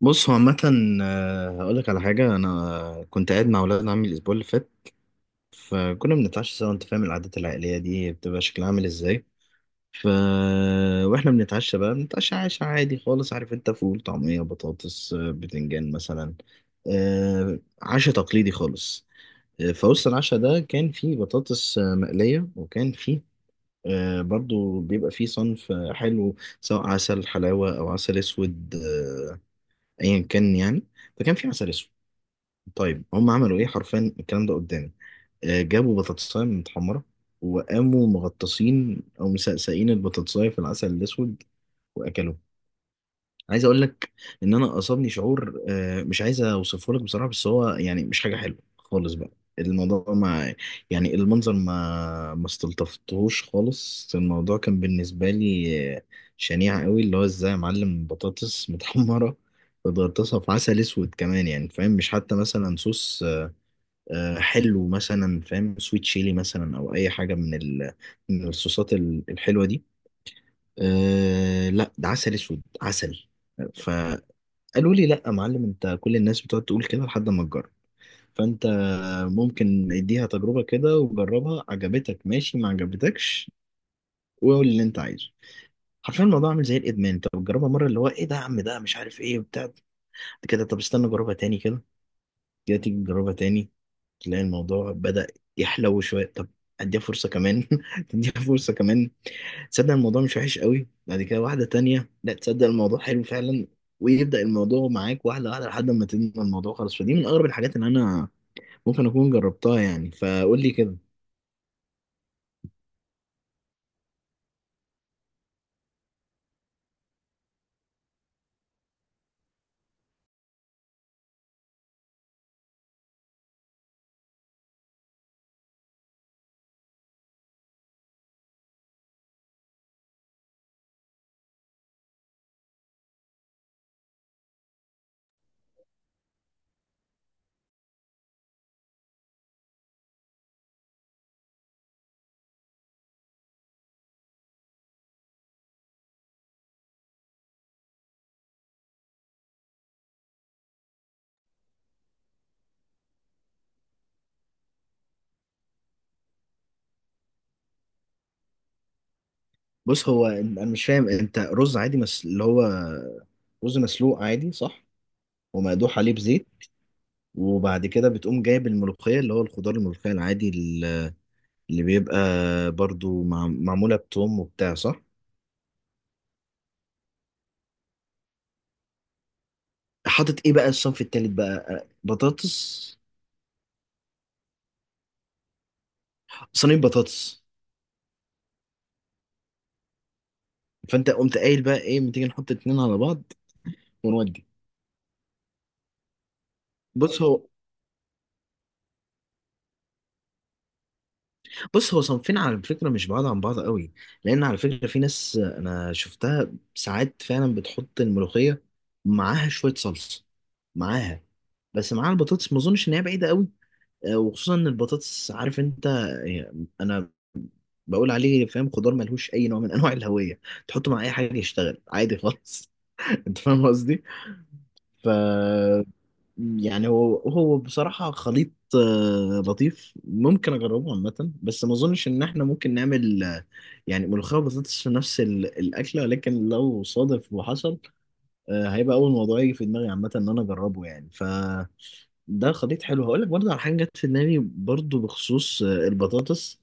بص هو عامة. هقولك على حاجة. أنا كنت قاعد مع ولاد عمي الأسبوع اللي فات، فكنا بنتعشى سوا. أنت فاهم العادات العائلية دي بتبقى شكلها عامل إزاي؟ ف وإحنا بنتعشى، بقى بنتعشى عشا عادي خالص، عارف أنت، فول، طعمية، بطاطس، بتنجان مثلا، عشا تقليدي خالص. فوسط العشا ده كان فيه بطاطس مقلية، وكان فيه برضو بيبقى فيه صنف حلو، سواء عسل حلاوة أو عسل أسود، أيا كان يعني. فكان في عسل أسود. طيب هم عملوا ايه حرفيا الكلام ده قدامي؟ جابوا بطاطساية متحمرة، وقاموا مغطسين او مسقسقين البطاطساية في العسل الاسود واكلوه. عايز اقول لك ان انا اصابني شعور، مش عايز اوصفه لك بصراحة، بس هو يعني مش حاجة حلوة خالص بقى. الموضوع ما، يعني المنظر ما استلطفتهوش خالص. الموضوع كان بالنسبة لي شنيع قوي. اللي هو ازاي يا معلم بطاطس متحمرة بتغطسها في عسل اسود كمان؟ يعني فاهم، مش حتى مثلا صوص حلو مثلا، فاهم، سويت شيلي مثلا، او اي حاجه من من الصوصات الحلوه دي. أه لا، ده عسل اسود، عسل. فقالوا لي لا يا معلم، انت كل الناس بتقعد تقول كده لحد ما تجرب. فانت ممكن اديها تجربه كده، وجربها، عجبتك ماشي، ما عجبتكش وقول اللي انت عايزه. حرفيا الموضوع عامل زي الادمان، انت بتجربها مره، اللي هو ايه ده يا عم، ده مش عارف ايه وبتاع كده. طب استنى جربها تاني كده، كده تيجي تجربها تاني، تلاقي الموضوع بدأ يحلو شوية. طب اديها فرصة كمان اديها فرصة كمان، تصدق الموضوع مش وحش قوي. بعد كده واحدة تانية، لا تصدق الموضوع حلو فعلا. ويبدأ الموضوع معاك واحدة واحدة لحد ما تنمى الموضوع خالص. فدي من أغرب الحاجات اللي أنا ممكن أكون جربتها يعني. فقول لي كده. بص هو أنا مش فاهم، أنت رز عادي، اللي هو رز مسلوق عادي، صح؟ ومقدوح عليه بزيت، وبعد كده بتقوم جايب الملوخية، اللي هو الخضار الملوخية العادي، اللي بيبقى برضو معمولة بتوم وبتاع، صح؟ حاطط ايه بقى الصنف التالت بقى؟ بطاطس، صينية بطاطس. فانت قمت قايل بقى ايه، ما تيجي نحط اتنين على بعض ونودي. بص هو بص هو صنفين على فكرة مش بعاد عن بعض قوي، لان على فكرة في ناس انا شفتها ساعات فعلا بتحط الملوخية معاها شوية صلصة، معاها، بس معاها البطاطس. ما اظنش ان هي بعيدة قوي، وخصوصا ان البطاطس عارف انت، يعني انا بقول عليه، فاهم، خضار ملهوش اي نوع من انواع الهويه، تحطه مع اي حاجه يشتغل عادي خالص. انت فاهم قصدي. ف يعني هو بصراحه خليط لطيف ممكن اجربه عامه، بس ما اظنش ان احنا ممكن نعمل يعني ملوخيه وبطاطس في نفس الاكله، لكن لو صادف وحصل هيبقى اول موضوع يجي في دماغي عامه ان انا اجربه يعني. ده خليط حلو. هقول لك برضه على حاجه جت في دماغي برضه بخصوص البطاطس.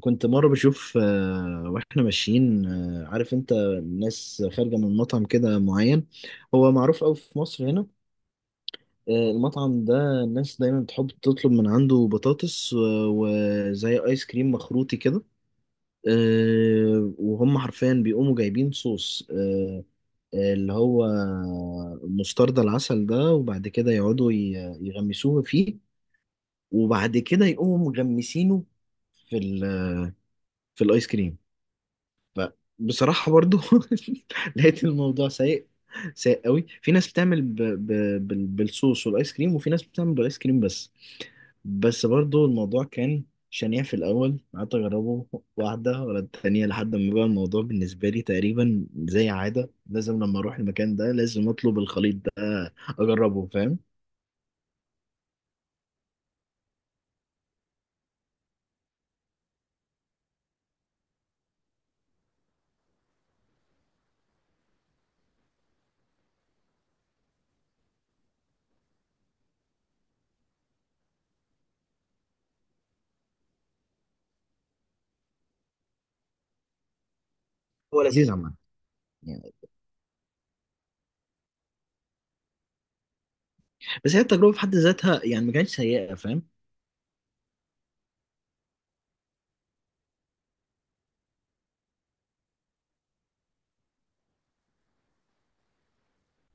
كنت مره بشوف، واحنا ماشيين، عارف انت، الناس خارجه من مطعم كده معين، هو معروف قوي في مصر هنا. المطعم ده الناس دايما بتحب تطلب من عنده بطاطس وزي ايس كريم مخروطي كده. وهم حرفيا بيقوموا جايبين صوص، اللي هو مستردة العسل ده، وبعد كده يقعدوا يغمسوه فيه، وبعد كده يقوموا مغمسينه في ال، في الايس كريم. فبصراحة برضو لقيت الموضوع سيء، سيء قوي. في ناس بتعمل بالصوص والايس كريم، وفي ناس بتعمل بالايس كريم بس. بس برضو الموضوع كان شنيع في الاول. قعدت اجربه واحدة ورا التانية لحد ما بقى الموضوع بالنسبة لي تقريبا زي عادة، لازم لما اروح المكان ده لازم اطلب الخليط ده اجربه، فاهم. هو لذيذ عامة يعني. بس هي التجربة في حد ذاتها يعني ما كانتش سيئة، فاهم.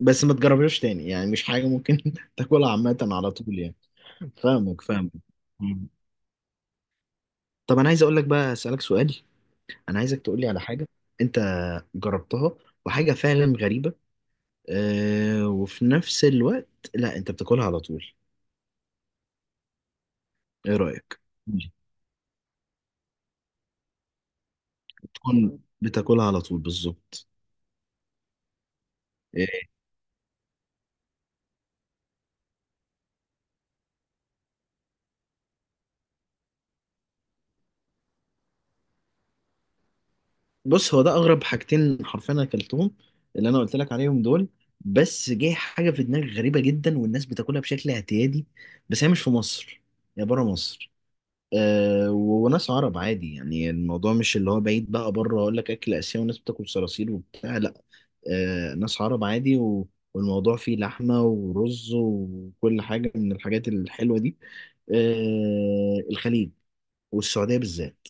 بس ما تجربهاش تاني، يعني مش حاجة ممكن تاكلها عامة على طول يعني. فاهمك. مم. طب أنا عايز أقول لك بقى، أسألك سؤال. أنا عايزك تقول لي على حاجة أنت جربتها وحاجة فعلا غريبة، أه، وفي نفس الوقت لا أنت بتاكلها على طول. إيه رأيك؟ مم. تكون بتاكلها على طول بالظبط. إيه، بص هو ده أغرب حاجتين حرفيا أنا أكلتهم، اللي أنا قلت لك عليهم دول. بس جه حاجة في دماغي غريبة جدا والناس بتاكلها بشكل اعتيادي، بس هي مش في مصر، هي بره مصر. أه وناس عرب عادي، يعني الموضوع مش اللي هو بعيد بقى بره، اقول لك اكل اسيوي وناس بتاكل صراصير وبتاع، لا. أه ناس عرب عادي، و... والموضوع فيه لحمة ورز وكل حاجة من الحاجات الحلوة دي. أه الخليج والسعودية بالذات.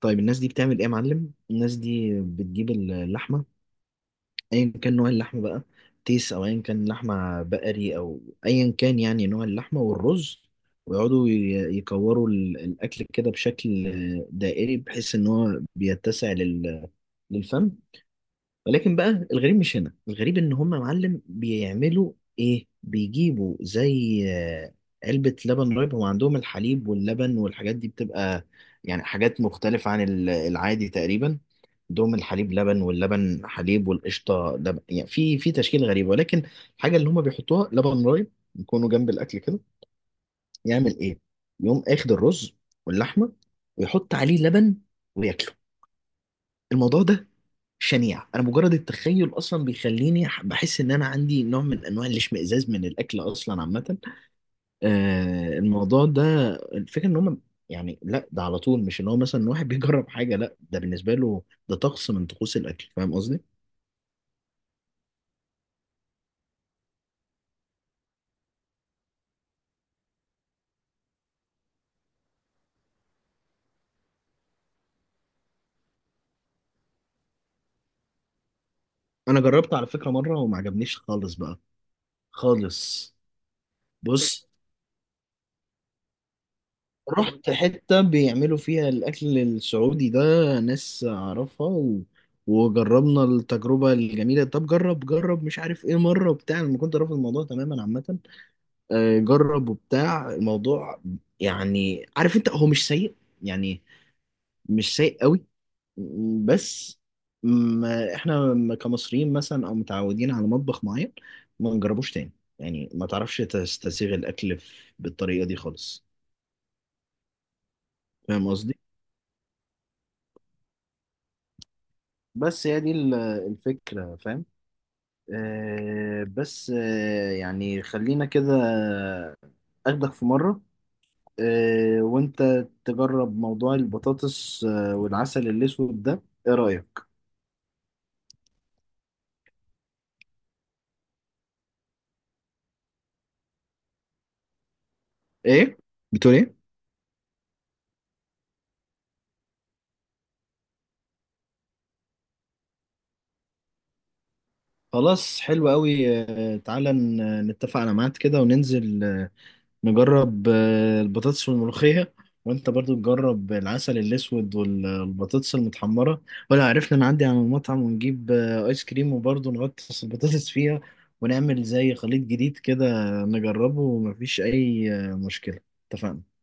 طيب الناس دي بتعمل ايه يا معلم؟ الناس دي بتجيب اللحمة، ايا كان نوع اللحمه بقى، تيس او ايا كان لحمه بقري او ايا كان يعني نوع اللحمه، والرز. ويقعدوا يكوروا الاكل كده بشكل دائري، بحيث ان هو بيتسع للفم. ولكن بقى الغريب مش هنا، الغريب ان هم يا معلم بيعملوا ايه، بيجيبوا زي علبة لبن رايب. هو عندهم الحليب واللبن والحاجات دي بتبقى يعني حاجات مختلفة عن العادي تقريبا. عندهم الحليب لبن، واللبن حليب، والقشطة لبن، يعني في، في تشكيل غريب. ولكن الحاجة اللي هم بيحطوها لبن رايب يكونوا جنب الأكل كده. يعمل ايه؟ يقوم اخد الرز واللحمة، ويحط عليه لبن، وياكله. الموضوع ده شنيع. انا مجرد التخيل اصلا بيخليني بحس ان انا عندي نوع من انواع الاشمئزاز من الاكل اصلا عامه. آه الموضوع ده، الفكره ان هم يعني لا، ده على طول، مش ان هو مثلا واحد بيجرب حاجه، لا ده بالنسبه له ده طقس من طقوس الاكل، فاهم قصدي. انا جربت على فكره مره وما عجبنيش خالص بقى، خالص. بص، رحت حتة بيعملوا فيها الأكل السعودي ده، ناس أعرفها، و... وجربنا التجربة الجميلة. طب جرب جرب، مش عارف إيه مرة بتاع، لما كنت رافض الموضوع تماما عامة. جرب وبتاع الموضوع، يعني عارف أنت هو مش سيء يعني، مش سيء قوي. بس ما إحنا كمصريين مثلا أو متعودين على مطبخ معين، ما نجربوش تاني. يعني ما تعرفش تستسيغ الأكل بالطريقة دي خالص. فاهم قصدي؟ بس هي دي الفكرة، فاهم. آه بس آه يعني خلينا كده، أخدك في مرة، وأنت تجرب موضوع البطاطس والعسل الأسود ده، إيه رأيك؟ إيه؟ بتقول ايه؟ خلاص حلو قوي. آه تعالى نتفق على ميعاد كده وننزل، نجرب البطاطس والملوخية، وانت برضو تجرب العسل الاسود والبطاطس المتحمرة، ولا عرفنا نعدي على المطعم ونجيب ايس كريم وبرضو نغطس البطاطس فيها ونعمل زي خليط جديد كده نجربه، ومفيش اي مشكلة. اتفقنا؟